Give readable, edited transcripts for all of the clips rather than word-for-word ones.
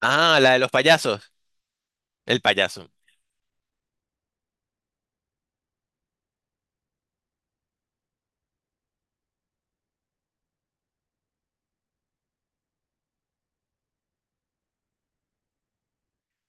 Ah, la de los payasos. El payaso.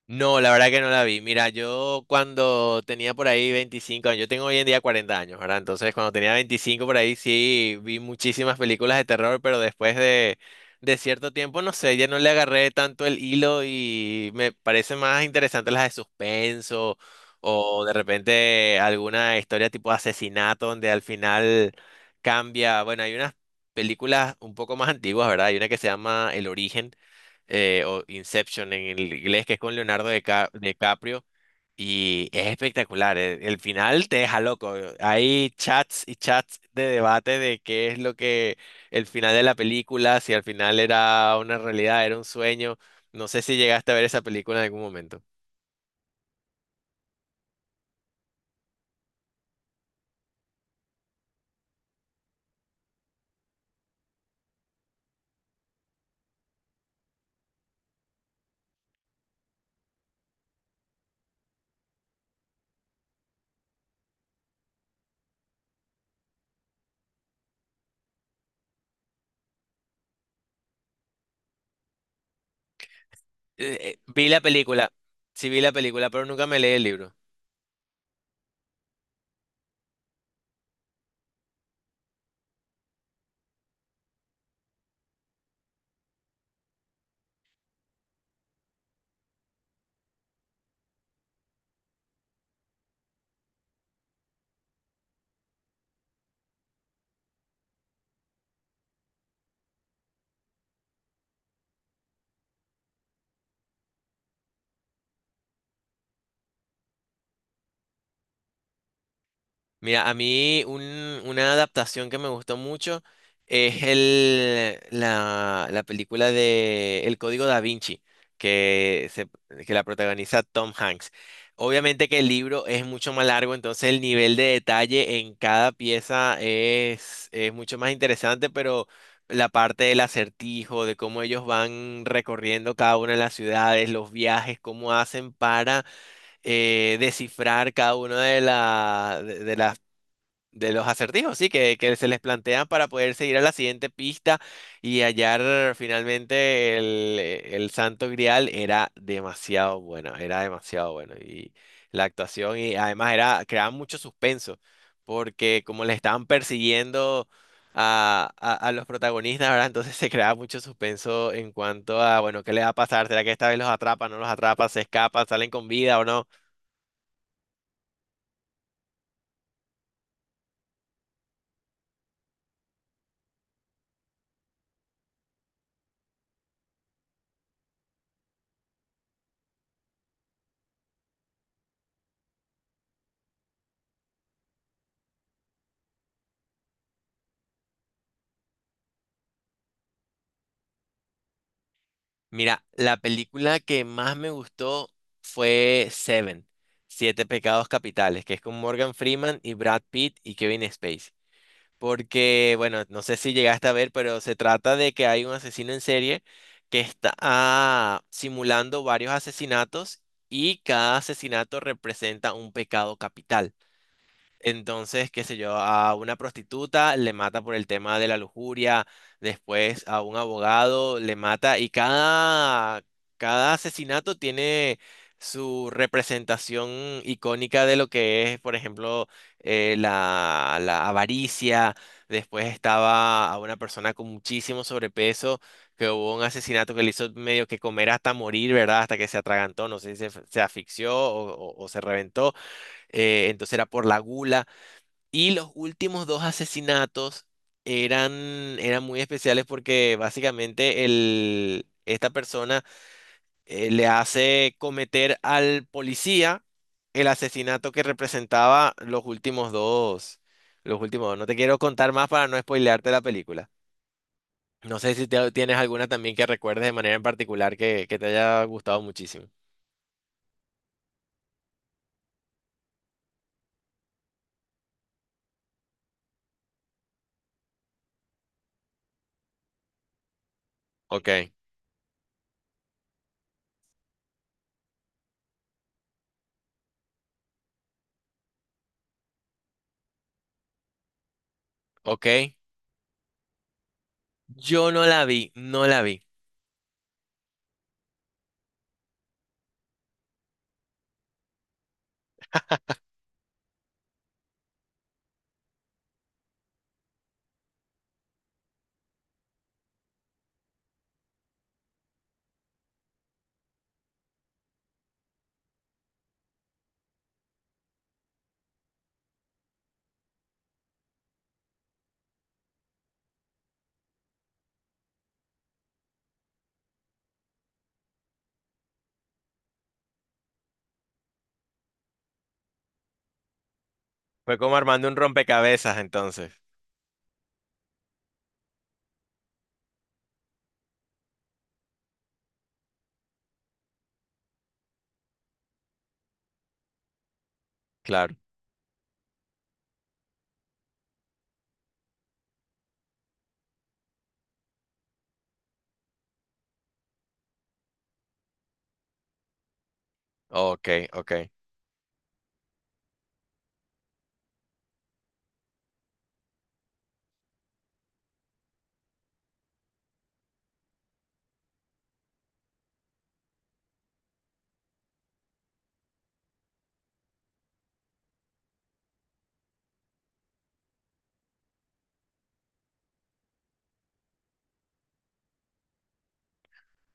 No, la verdad que no la vi. Mira, yo cuando tenía por ahí 25, años, yo tengo hoy en día 40 años, ¿verdad? Entonces, cuando tenía 25 por ahí, sí, vi muchísimas películas de terror, pero después de cierto tiempo, no sé, ya no le agarré tanto el hilo y me parecen más interesantes las de suspenso o de repente alguna historia tipo asesinato donde al final cambia. Bueno, hay unas películas un poco más antiguas, ¿verdad? Hay una que se llama El Origen o Inception en el inglés, que es con DiCaprio, y es espectacular. El final te deja loco. Hay chats y chats de debate de qué es lo que el final de la película, si al final era una realidad, era un sueño. No sé si llegaste a ver esa película en algún momento. Vi la película, sí vi la película, pero nunca me leí el libro. Mira, una adaptación que me gustó mucho es la película de El Código Da Vinci, que, se- que la protagoniza Tom Hanks. Obviamente que el libro es mucho más largo, entonces el nivel de detalle en cada pieza es mucho más interesante, pero la parte del acertijo, de cómo ellos van recorriendo cada una de las ciudades, los viajes, cómo hacen para descifrar cada una de las de los acertijos, sí, que se les plantean para poder seguir a la siguiente pista y hallar finalmente el Santo Grial era demasiado buena, era demasiado bueno. Y la actuación, y además era, creaba mucho suspenso, porque como le estaban persiguiendo a los protagonistas, ¿verdad? Entonces se creaba mucho suspenso en cuanto a, bueno, ¿qué le va a pasar? ¿Será que esta vez los atrapa, no los atrapa, se escapa, salen con vida o no? Mira, la película que más me gustó fue Seven, Siete Pecados Capitales, que es con Morgan Freeman y Brad Pitt y Kevin Spacey. Porque, bueno, no sé si llegaste a ver, pero se trata de que hay un asesino en serie que está simulando varios asesinatos y cada asesinato representa un pecado capital. Entonces, qué sé yo, a una prostituta le mata por el tema de la lujuria, después a un abogado le mata y cada asesinato tiene su representación icónica de lo que es, por ejemplo, la avaricia, después estaba a una persona con muchísimo sobrepeso, que hubo un asesinato que le hizo medio que comer hasta morir, ¿verdad? Hasta que se atragantó, no sé si se asfixió o se reventó, entonces era por la gula. Y los últimos dos asesinatos eran, eran muy especiales porque básicamente esta persona le hace cometer al policía el asesinato que representaba los últimos dos. Los últimos dos. No te quiero contar más para no spoilearte la película. No sé si tienes alguna también que recuerdes de manera en particular que te haya gustado muchísimo. Ok, ok. Yo no la vi, no la vi. Fue como armando un rompecabezas entonces. Claro. Ok, ok,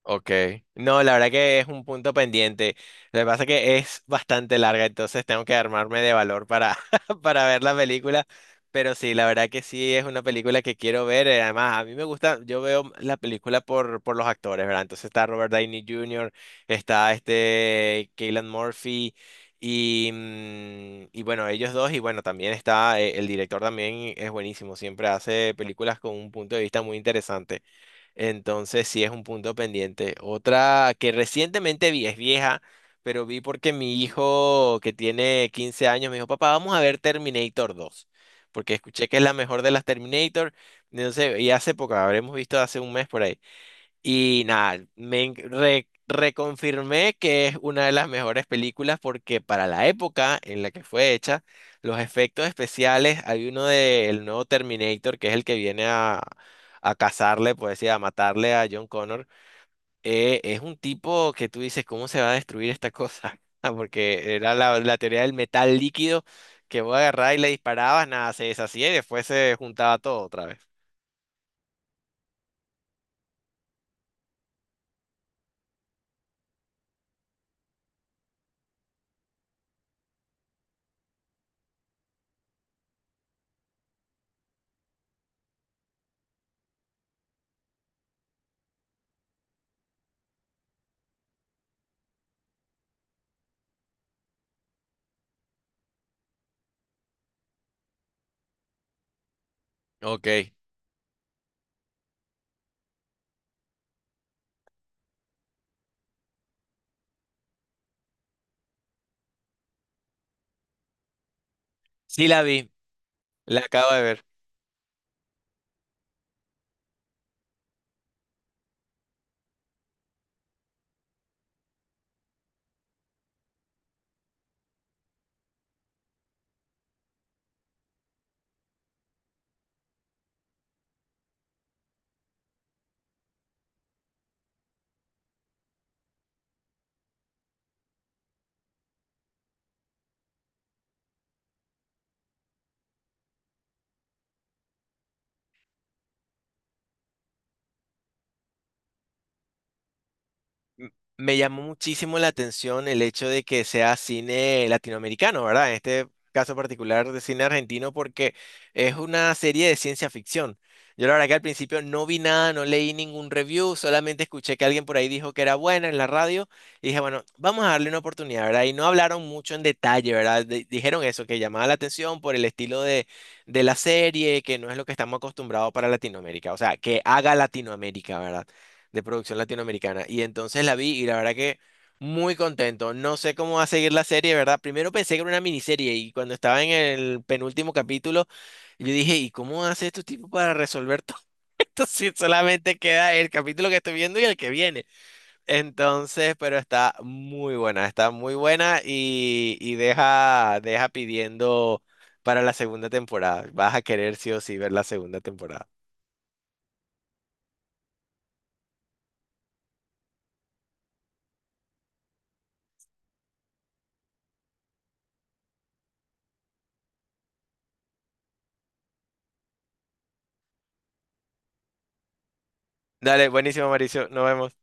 ok. No, la verdad que es un punto pendiente. Lo que pasa es que es bastante larga, entonces tengo que armarme de valor para, para ver la película. Pero sí, la verdad que sí es una película que quiero ver. Además, a mí me gusta, yo veo la película por los actores, ¿verdad? Entonces está Robert Downey Jr., está este Keylan Murphy y, mm, y bueno, ellos dos. Y bueno, también está el director también es buenísimo, siempre hace películas con un punto de vista muy interesante. Entonces sí es un punto pendiente. Otra que recientemente vi, es vieja, pero vi porque mi hijo que tiene 15 años me dijo, papá, vamos a ver Terminator 2 porque escuché que es la mejor de las Terminator. Entonces, y hace poco, habremos visto hace un mes por ahí. Y nada, reconfirmé que es una de las mejores películas porque para la época en la que fue hecha, los efectos especiales, hay uno del nuevo Terminator, que es el que viene a cazarle, pues sí, a matarle a John Connor, es un tipo que tú dices, ¿cómo se va a destruir esta cosa? Ah, porque era la teoría del metal líquido que voy a agarrar y le disparabas, nada, se deshacía y después se juntaba todo otra vez. Ok. Sí la vi, la acabo de ver. M- Me llamó muchísimo la atención el hecho de que sea cine latinoamericano, ¿verdad? En este caso particular de cine argentino, porque es una serie de ciencia ficción. Yo la verdad que al principio no vi nada, no leí ningún review, solamente escuché que alguien por ahí dijo que era buena en la radio y dije, bueno, vamos a darle una oportunidad, ¿verdad? Y no hablaron mucho en detalle, ¿verdad? Dijeron eso, que llamaba la atención por el estilo de la serie, que no es lo que estamos acostumbrados para Latinoamérica, o sea, que haga Latinoamérica, ¿verdad? De producción latinoamericana. Y entonces la vi y la verdad que muy contento. No sé cómo va a seguir la serie, ¿verdad? Primero pensé que era una miniserie y cuando estaba en el penúltimo capítulo, yo dije, ¿y cómo hace estos tipos para resolver todo esto si solamente queda el capítulo que estoy viendo y el que viene? Entonces, pero está muy buena y deja, deja pidiendo para la segunda temporada. Vas a querer sí o sí ver la segunda temporada. Dale, buenísimo, Mauricio. Nos vemos.